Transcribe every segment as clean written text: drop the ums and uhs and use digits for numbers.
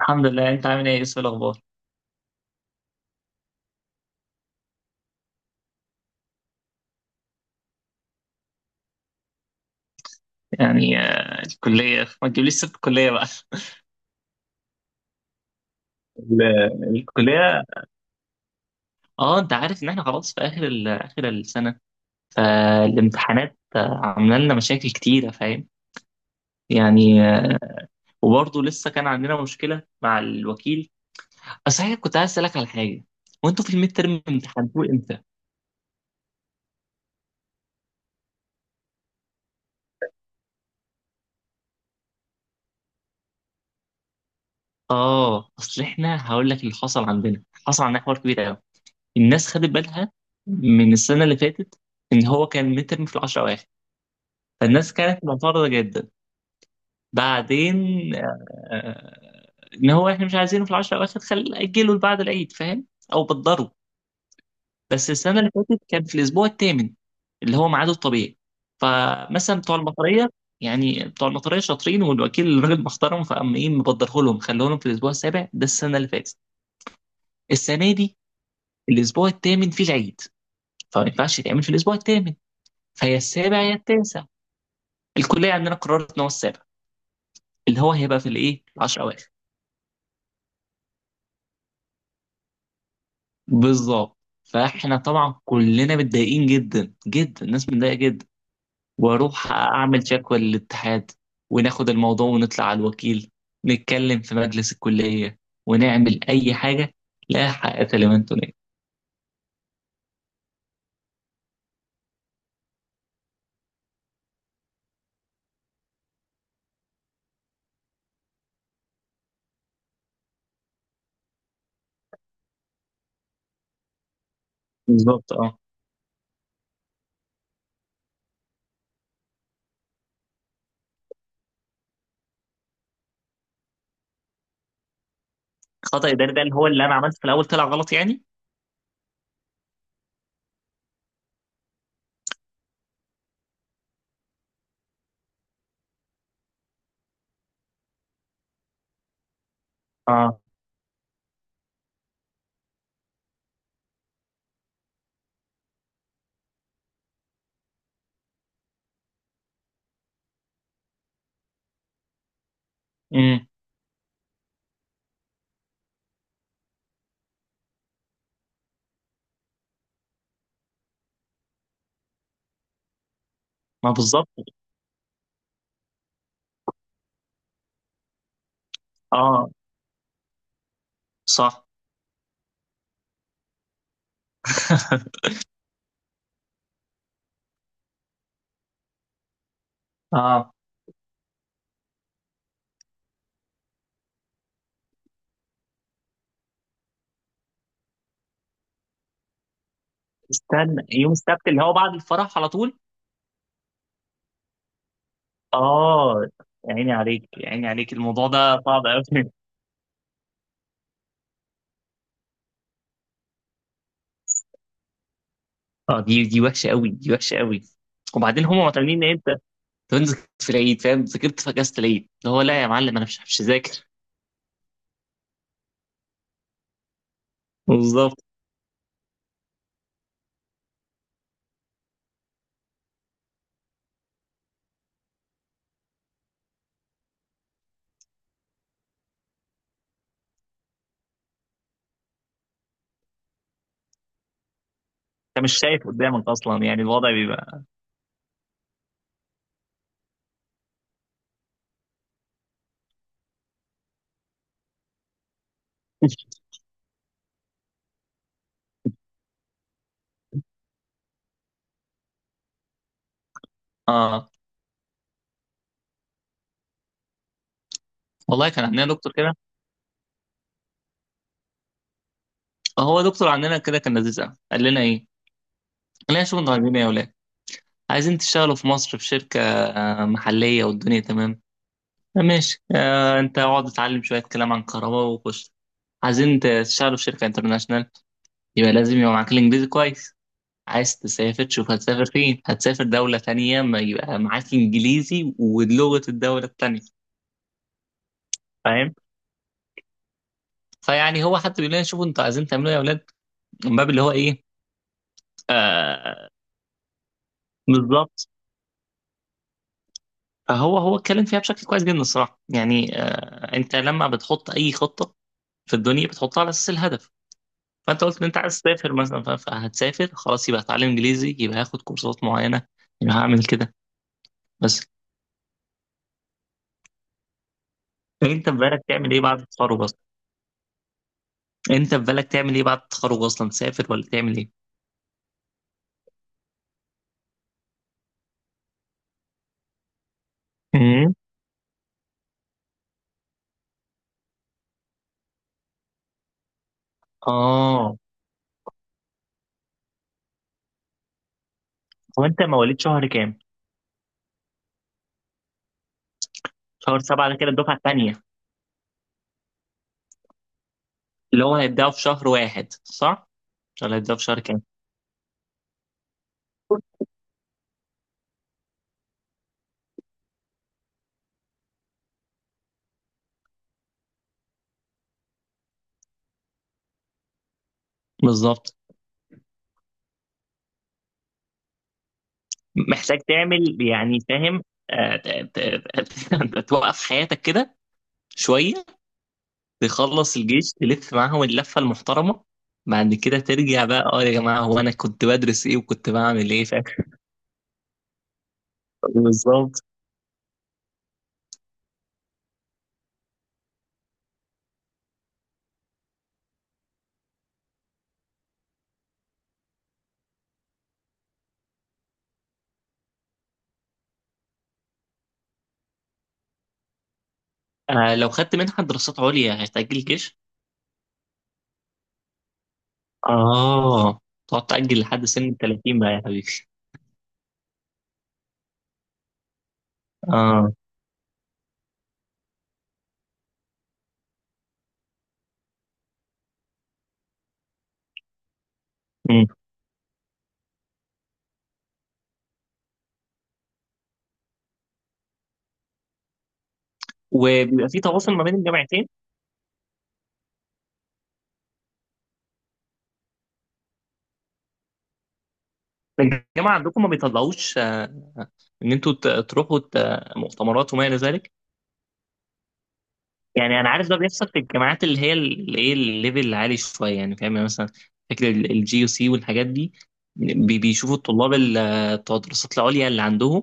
الحمد لله، انت عامل ايه؟ ايه الاخبار؟ يعني الكليه ما تجيبليش سيره الكليه بقى. ال- الكليه. اه، انت عارف ان احنا خلاص في اخر اخر السنه. فالامتحانات عامله لنا مشاكل كتيره، فاهم؟ يعني وبرضه لسه كان عندنا مشكله مع الوكيل. صحيح كنت عايز اسالك على حاجه. وانتوا في الميد ترم امتحنتوه امتى؟ اه، اصل احنا هقول لك اللي حصل عندنا حوار كبير قوي. الناس خدت بالها من السنه اللي فاتت ان هو كان الميد ترم في العشرة اواخر. فالناس كانت معترضة جدا. بعدين آه، ان هو احنا مش عايزينه في العشر الاواخر، خل اجله لبعد العيد، فاهم؟ او بتضره. بس السنة اللي فاتت كان في الاسبوع الثامن، اللي هو ميعاده الطبيعي. فمثلا بتوع المطرية، يعني بتوع المطرية شاطرين، والوكيل راجل محترم، فقام ايه مبدره لهم، خلوه لهم في الاسبوع السابع ده السنة اللي فاتت. السنة دي الاسبوع الثامن فيه العيد، فما ينفعش يتعمل في الاسبوع الثامن. فهي السابع يا التاسع. الكلية عندنا قررت ان هو السابع، اللي هو هيبقى في الايه 10. بالظبط. فاحنا طبعا كلنا متضايقين جدا جدا، الناس متضايقه جدا. واروح اعمل شكوى للاتحاد، وناخد الموضوع ونطلع على الوكيل، نتكلم في مجلس الكليه، ونعمل اي حاجه. لا حق لمن تنال. بالظبط، اه. خطأ اداري ده اللي هو اللي انا عملته في الاول طلع غلط يعني؟ اه. امم. ما بالظبط. اه، صح. اه. استنى، يوم السبت اللي هو بعد الفرح على طول. اه، يا عيني عليك، يا عيني عليك، الموضوع ده صعب قوي. اه، دي وحشه قوي، دي وحشه قوي. وبعدين هم معتمدين ان انت تنزل في العيد، فاهم؟ ذاكرت في اجازه العيد؟ اللي هو لا يا معلم، انا مش هذاكر. بالظبط. انت مش شايف قدامك اصلا، يعني الوضع بيبقى. اه. والله كان عندنا دكتور كده، هو دكتور عندنا كده كان لذيذ قوي، قال لنا ايه، قال لنا شوفوا انتوا عايزين ايه يا ولاد، عايزين تشتغلوا في مصر في شركه محليه والدنيا تمام، ماشي، آه، انت اقعد اتعلم شويه كلام عن كهرباء وخش. عايزين تشتغلوا في شركه انترناشونال، يبقى لازم يبقى معاك الانجليزي كويس. عايز تسافر، شوف هتسافر فين، هتسافر دولة تانية، ما يبقى معاك إنجليزي ولغة الدولة التانية، فاهم؟ فيعني هو حتى بيقول لنا شوفوا أنتوا عايزين تعملوا إيه يا أولاد، من باب اللي هو إيه. آه، بالظبط. فهو اتكلم فيها بشكل كويس جدا الصراحة، يعني آه، أنت لما بتحط أي خطة في الدنيا بتحطها على أساس الهدف. فأنت قلت إن أنت عايز تسافر مثلا، فهتسافر خلاص، يبقى هتعلم إنجليزي، يبقى هاخد كورسات معينة، يبقى هعمل كده. بس أنت في بالك تعمل إيه بعد التخرج؟ انت في بالك تعمل ايه بعد التخرج اصلا؟ تسافر ولا تعمل ايه؟ امم. اه. هو انت مواليد شهر كام؟ شهر سبعة ده كده الدفعة التانية. اللي هو هيبداوا في شهر واحد، صح؟ ولا الدفعة في شهر كام؟ بالظبط. محتاج تعمل يعني، فاهم؟ توقف حياتك كده شوية. تخلص الجيش، تلف معاهم اللفة المحترمة، بعد كده ترجع بقى، اه يا جماعة، هو أنا كنت بدرس إيه وكنت بعمل إيه، فاهم؟ بالظبط. آه، لو خدت منحة دراسات عليا هتأجل الجيش. اه، تقعد تأجل لحد سن ال 30 بقى يا حبيبي. اه. مم. وبيبقى في تواصل ما بين الجامعتين. الجامعة عندكم ما بيطلعوش ان انتوا تروحوا مؤتمرات وما الى ذلك؟ يعني انا عارف ده بيحصل في الجامعات اللي هي اللي ايه الليفل العالي شوية، يعني فاهم، يعني مثلا فكرة الجي يو سي والحاجات دي. بيشوفوا الطلاب بتوع الدراسات العليا اللي عندهم.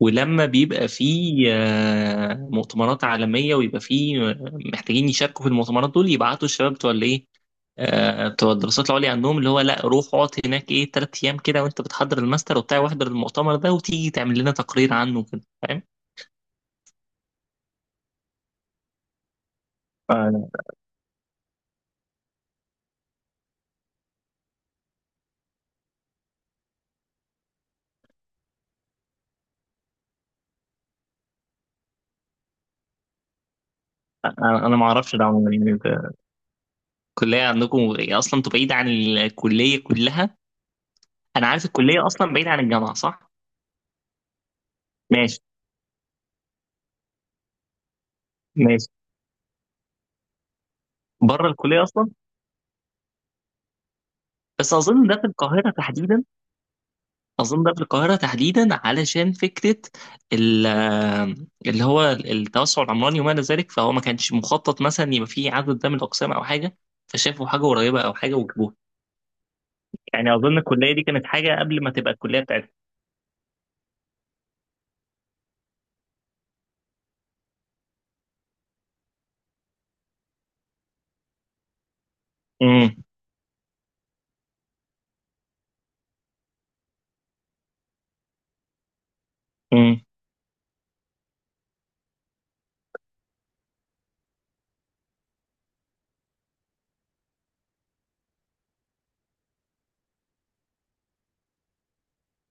ولما بيبقى فيه مؤتمرات عالمية، ويبقى فيه محتاجين يشاركوا في المؤتمرات دول، يبعتوا الشباب بتوع الايه، بتوع الدراسات العليا عندهم، اللي هو لا روح اقعد هناك ايه 3 ايام كده وانت بتحضر الماستر وبتاع، واحضر المؤتمر ده وتيجي تعمل لنا تقرير عنه كده، فاهم؟ انا ما اعرفش ده عموما، يعني أنت الكلية عندكم إيه؟ اصلا انتوا بعيد عن الكلية كلها. انا عارف الكلية اصلا بعيد عن الجامعة، صح؟ ماشي. ماشي. بره الكلية اصلا. بس اظن ده في القاهرة تحديدا. اظن ده في القاهره تحديدا علشان فكره ال- اللي هو التوسع العمراني وما الى ذلك، فهو ما كانش مخطط مثلا يبقى فيه عدد ده من الاقسام او حاجه، فشافوا حاجه قريبه او حاجه وجابوها. يعني اظن الكليه دي كانت حاجه قبل ما تبقى الكليه بتاعتنا. امم. امم.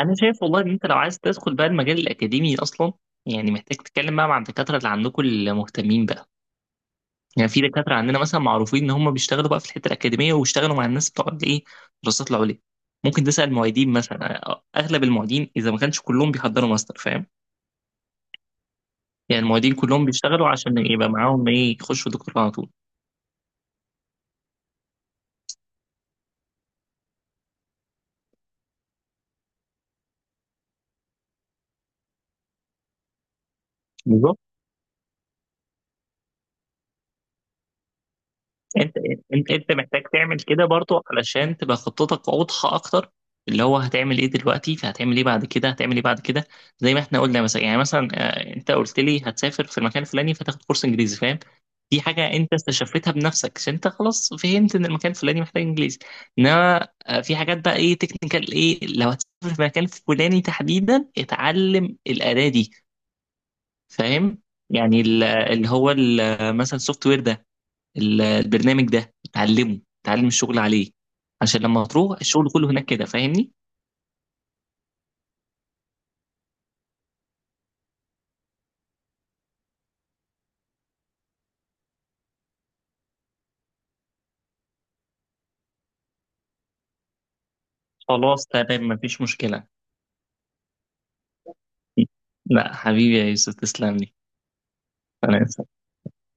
انا شايف والله ان انت لو عايز تدخل بقى المجال الاكاديمي اصلا، يعني محتاج تتكلم بقى مع الدكاتره اللي عندكم المهتمين بقى. يعني في دكاترة عندنا مثلا معروفين إن هم بيشتغلوا بقى في الحتة الأكاديمية، واشتغلوا مع الناس بتوع الإيه، الدراسات العليا. ممكن تسأل معيدين مثلا. أغلب المعيدين إذا ما كانش كلهم بيحضروا ماستر، فاهم؟ يعني المعيدين كلهم بيشتغلوا عشان يبقى معاهم إيه، يخشوا دكتوراه على طول. بالظبط. أنت أنت محتاج تعمل كده برضو علشان تبقى خطتك واضحة أكتر. اللي هو هتعمل إيه دلوقتي، فهتعمل إيه بعد كده، هتعمل إيه بعد كده. زي ما إحنا قلنا مثلا، يعني مثلا أنت قلت لي هتسافر في المكان الفلاني، فتاخد كورس إنجليزي، فاهم؟ دي حاجة انت استشفتها بنفسك عشان انت خلاص فهمت ان المكان الفلاني محتاج انجليزي. انما في حاجات بقى ايه تكنيكال، ايه لو هتسافر في مكان فلاني تحديدا، اتعلم الأداة دي، فاهم؟ يعني اللي هو مثلا السوفت وير ده، البرنامج ده اتعلمه، اتعلم الشغل عليه. عشان لما تروح الشغل كله هناك كده، فاهمني؟ خلاص، تمام، مفيش مشكلة. لا حبيبي يا يوسف، تسلم لي. سلام.